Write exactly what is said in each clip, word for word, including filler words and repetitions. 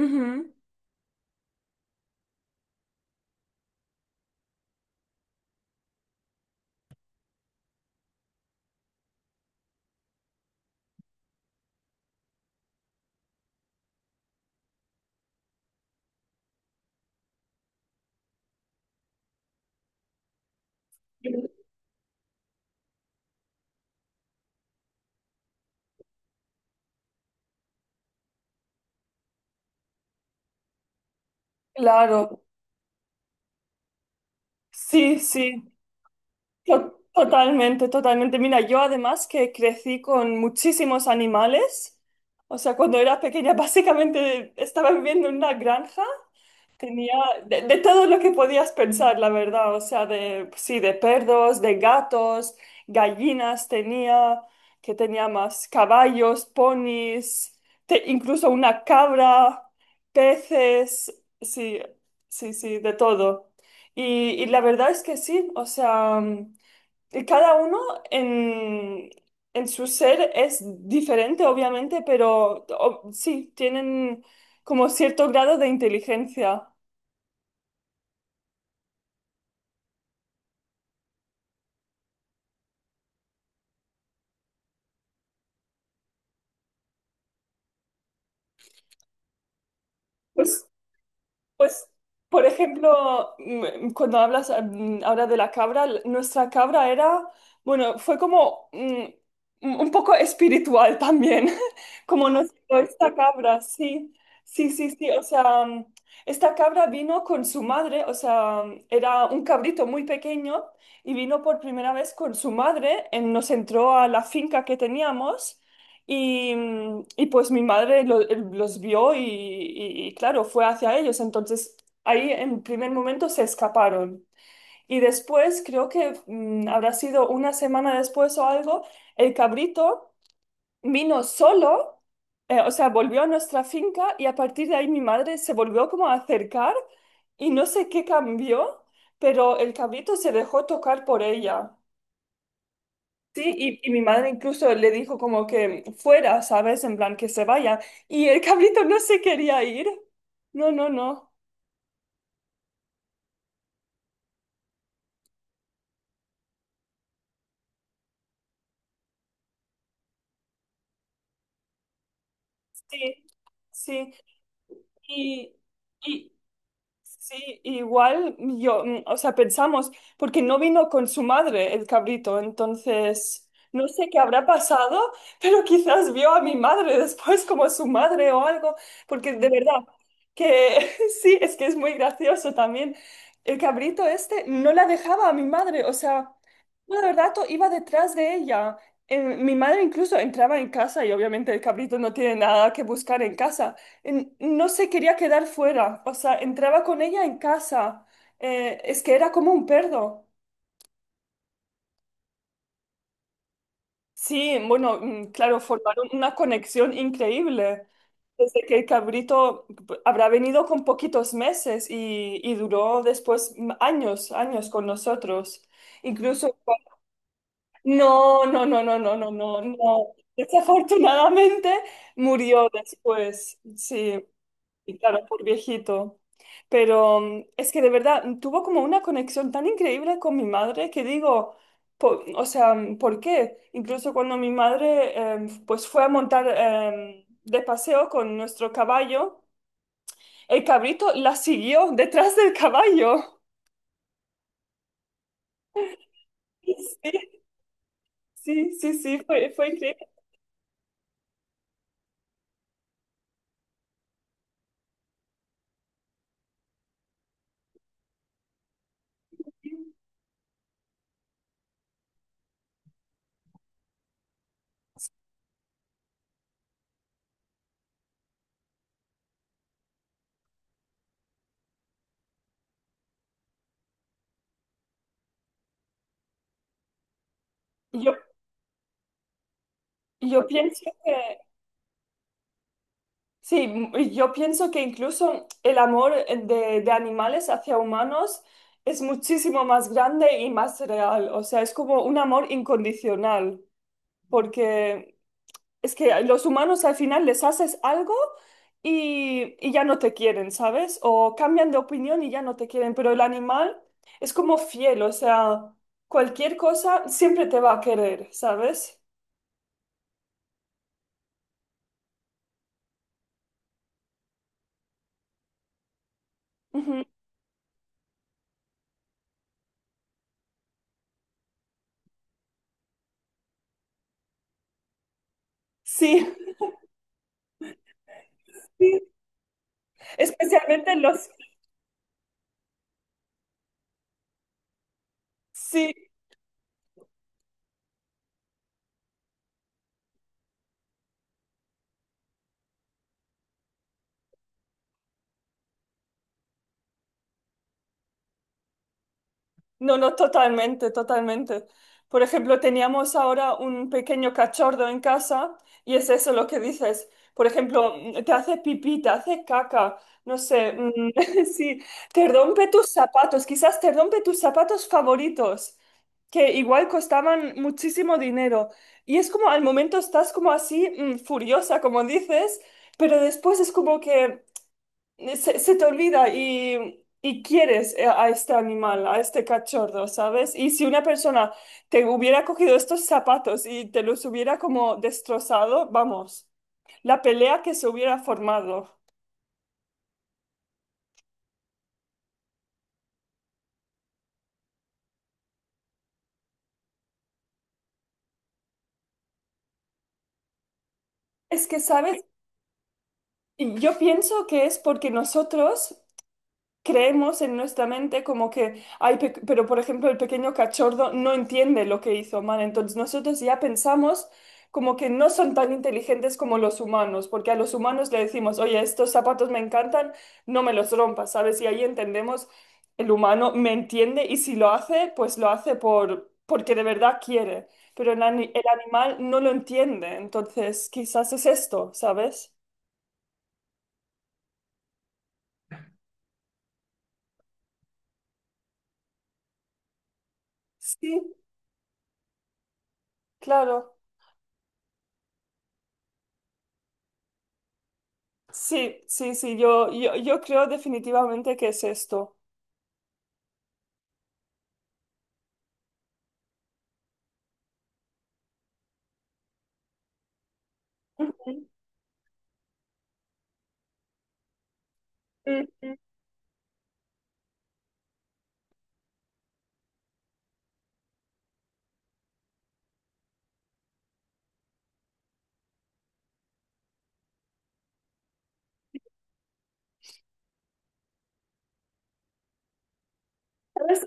Ujú. Claro, sí, sí. To- totalmente, totalmente. Mira, yo además que crecí con muchísimos animales, o sea, cuando era pequeña básicamente estaba viviendo en una granja. Tenía de, de todo lo que podías pensar, la verdad. O sea, de, sí, de perros, de gatos, gallinas tenía, que tenía más caballos, ponis, te- incluso una cabra, peces, sí, sí, sí, de todo. Y, y la verdad es que sí, o sea, y cada uno en, en su ser es diferente, obviamente, pero o- sí, tienen como cierto grado de inteligencia. Pues, pues, por ejemplo, mm, cuando hablas mm, ahora de la cabra, l- nuestra cabra era, bueno, fue como mm, un un poco espiritual también, como nos dio esta cabra, sí, sí, sí, sí, o sea, mm, esta cabra vino con su madre, o sea, mm, era un cabrito muy pequeño y vino por primera vez con su madre, eh, nos entró a la finca que teníamos. Y, mm, y pues mi madre lo- eh, los vio y, y- y, claro, fue hacia ellos. Entonces ahí en primer momento se escaparon. Y después, creo que mm, habrá sido una semana después o algo, el cabrito vino solo, eh, o sea, volvió a nuestra finca y a partir de ahí mi madre se volvió como a acercar y no sé qué cambió, pero el cabrito se dejó tocar por ella. Sí, y, y mi madre incluso le dijo como que fuera, ¿sabes? En plan que se vaya. Y el cabrito no se quería ir. No, no, no. Sí, sí. Y, y, Sí, igual yo, mm, o sea, pensamos, porque no vino con su madre el cabrito, entonces no sé qué habrá pasado, pero quizás vio a mi madre después como su madre o algo, porque de verdad que sí, es que es muy gracioso también. El cabrito este no la dejaba a mi madre, o sea, todo el rato iba detrás de ella. Eh, mi madre incluso entraba en casa y obviamente el cabrito no tiene nada que buscar en casa en- no se quería quedar fuera, o sea, entraba con ella en casa, eh, es que era como un perro. Sí, bueno, mm, claro, formaron una conexión increíble. Desde que el cabrito habrá venido con poquitos meses y, y duró después m- años, años con nosotros. Incluso, cu- no, no, no, no, no, no, no, no. Desafortunadamente murió después, sí. Y claro, por viejito. Pero mm, es que de verdad mm, tuvo como una conexión tan increíble con mi madre que digo, po- o sea, mm, ¿por qué? Incluso cuando mi madre em, pues fue a montar em, de paseo con nuestro caballo, el cabrito la siguió detrás del caballo. Sí, sí, sí, sí, fue, fue increíble. Yo, yo pienso que sí. M- y yo pienso que incluso el amor eh, de, de animales hacia humanos es muchísimo más grande y más real. O sea, es como un amor incondicional, porque es que a los humanos al final les haces algo y, y ya no te quieren, ¿sabes? O cambian de opinión y ya no te quieren, pero el animal es como fiel, o sea, cualquier cosa siempre te va a querer, ¿sabes? Ujú. Sí, sí, especialmente los... Sí. No, no, totalmente, totalmente. Por ejemplo, teníamos ahora un pequeño cachorro en casa y es eso lo que dices. Por ejemplo, mm, te hace pipí, te hace caca, no sé, mm, sí, te rompe tus zapatos, quizás te rompe tus zapatos favoritos, que igual costaban muchísimo dinero. Y es como al momento estás como así, mm, furiosa, como dices, pero después es como que se, se te olvida y, y quieres a a este animal, a este cachorro, ¿sabes? Y si una persona te hubiera cogido estos zapatos y te los hubiera como destrozado, vamos, la pelea que se hubiera formado. Es que, ¿sabes? Y Yo pienso que es porque nosotros creemos en nuestra mente como que, ay, pe- pero por ejemplo el pequeño cachorro no entiende lo que hizo mal, entonces nosotros ya pensamos como que no son tan inteligentes como los humanos, porque a los humanos le decimos, oye, estos zapatos me encantan, no me los rompas, ¿sabes? Y ahí entendemos, el humano me entiende y si lo hace, pues lo hace por, porque de verdad quiere, pero el, ani- el animal no lo entiende, entonces quizás es esto, ¿sabes? Sí. Claro. Sí, sí, sí, yo, yo, yo creo definitivamente que es esto. Ujú, ujú. ¿Sabes?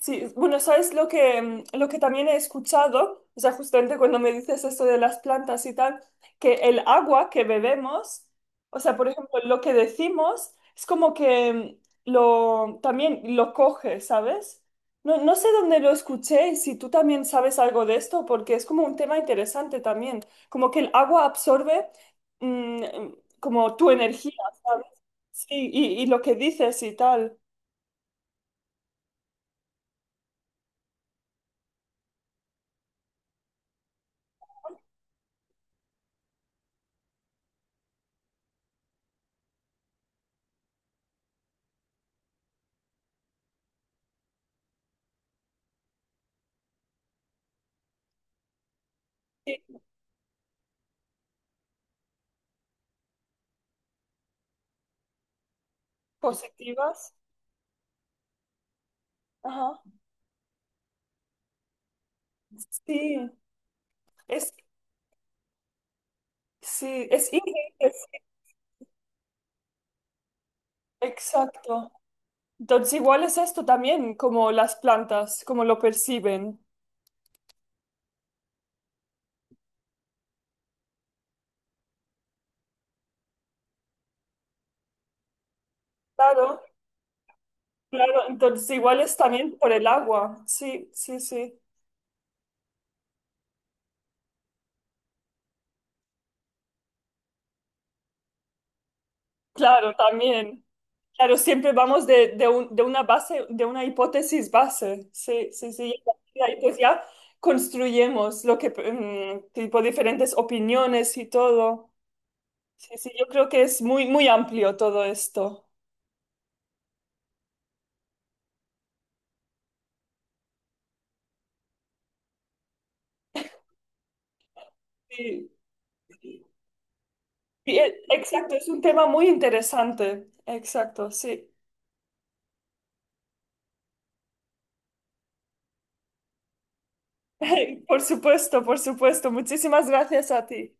Sí, bueno, ¿sabes lo que, mm, lo que también he escuchado? O sea, justamente cuando me dices esto de las plantas y tal, que el agua que bebemos, o sea, por ejemplo, lo que decimos es como que mm, lo, también lo coge, ¿sabes? No, no sé dónde lo escuché y si tú también sabes algo de esto, porque es como un tema interesante también, como que el agua absorbe mm, como tu energía, ¿sabes? Sí, y, y lo que dices y tal. Sí, positivas. Ajá. Sí, es, sí, es ingente, sí, exacto. Entonces igual es esto también, como las plantas, como lo perciben. Claro, claro, entonces igual es también por el agua, sí, sí, sí. Claro, también. Claro, siempre vamos de, de un- de una base, de una hipótesis base, sí, sí, sí. Y ahí pues ya construyemos lo que, mm, tipo, diferentes opiniones y todo. Sí, sí, yo creo que es muy, muy amplio todo esto. Sí. Sí, e- exacto, es un tema muy interesante. Exacto, sí. Por supuesto, por supuesto. Muchísimas gracias a ti.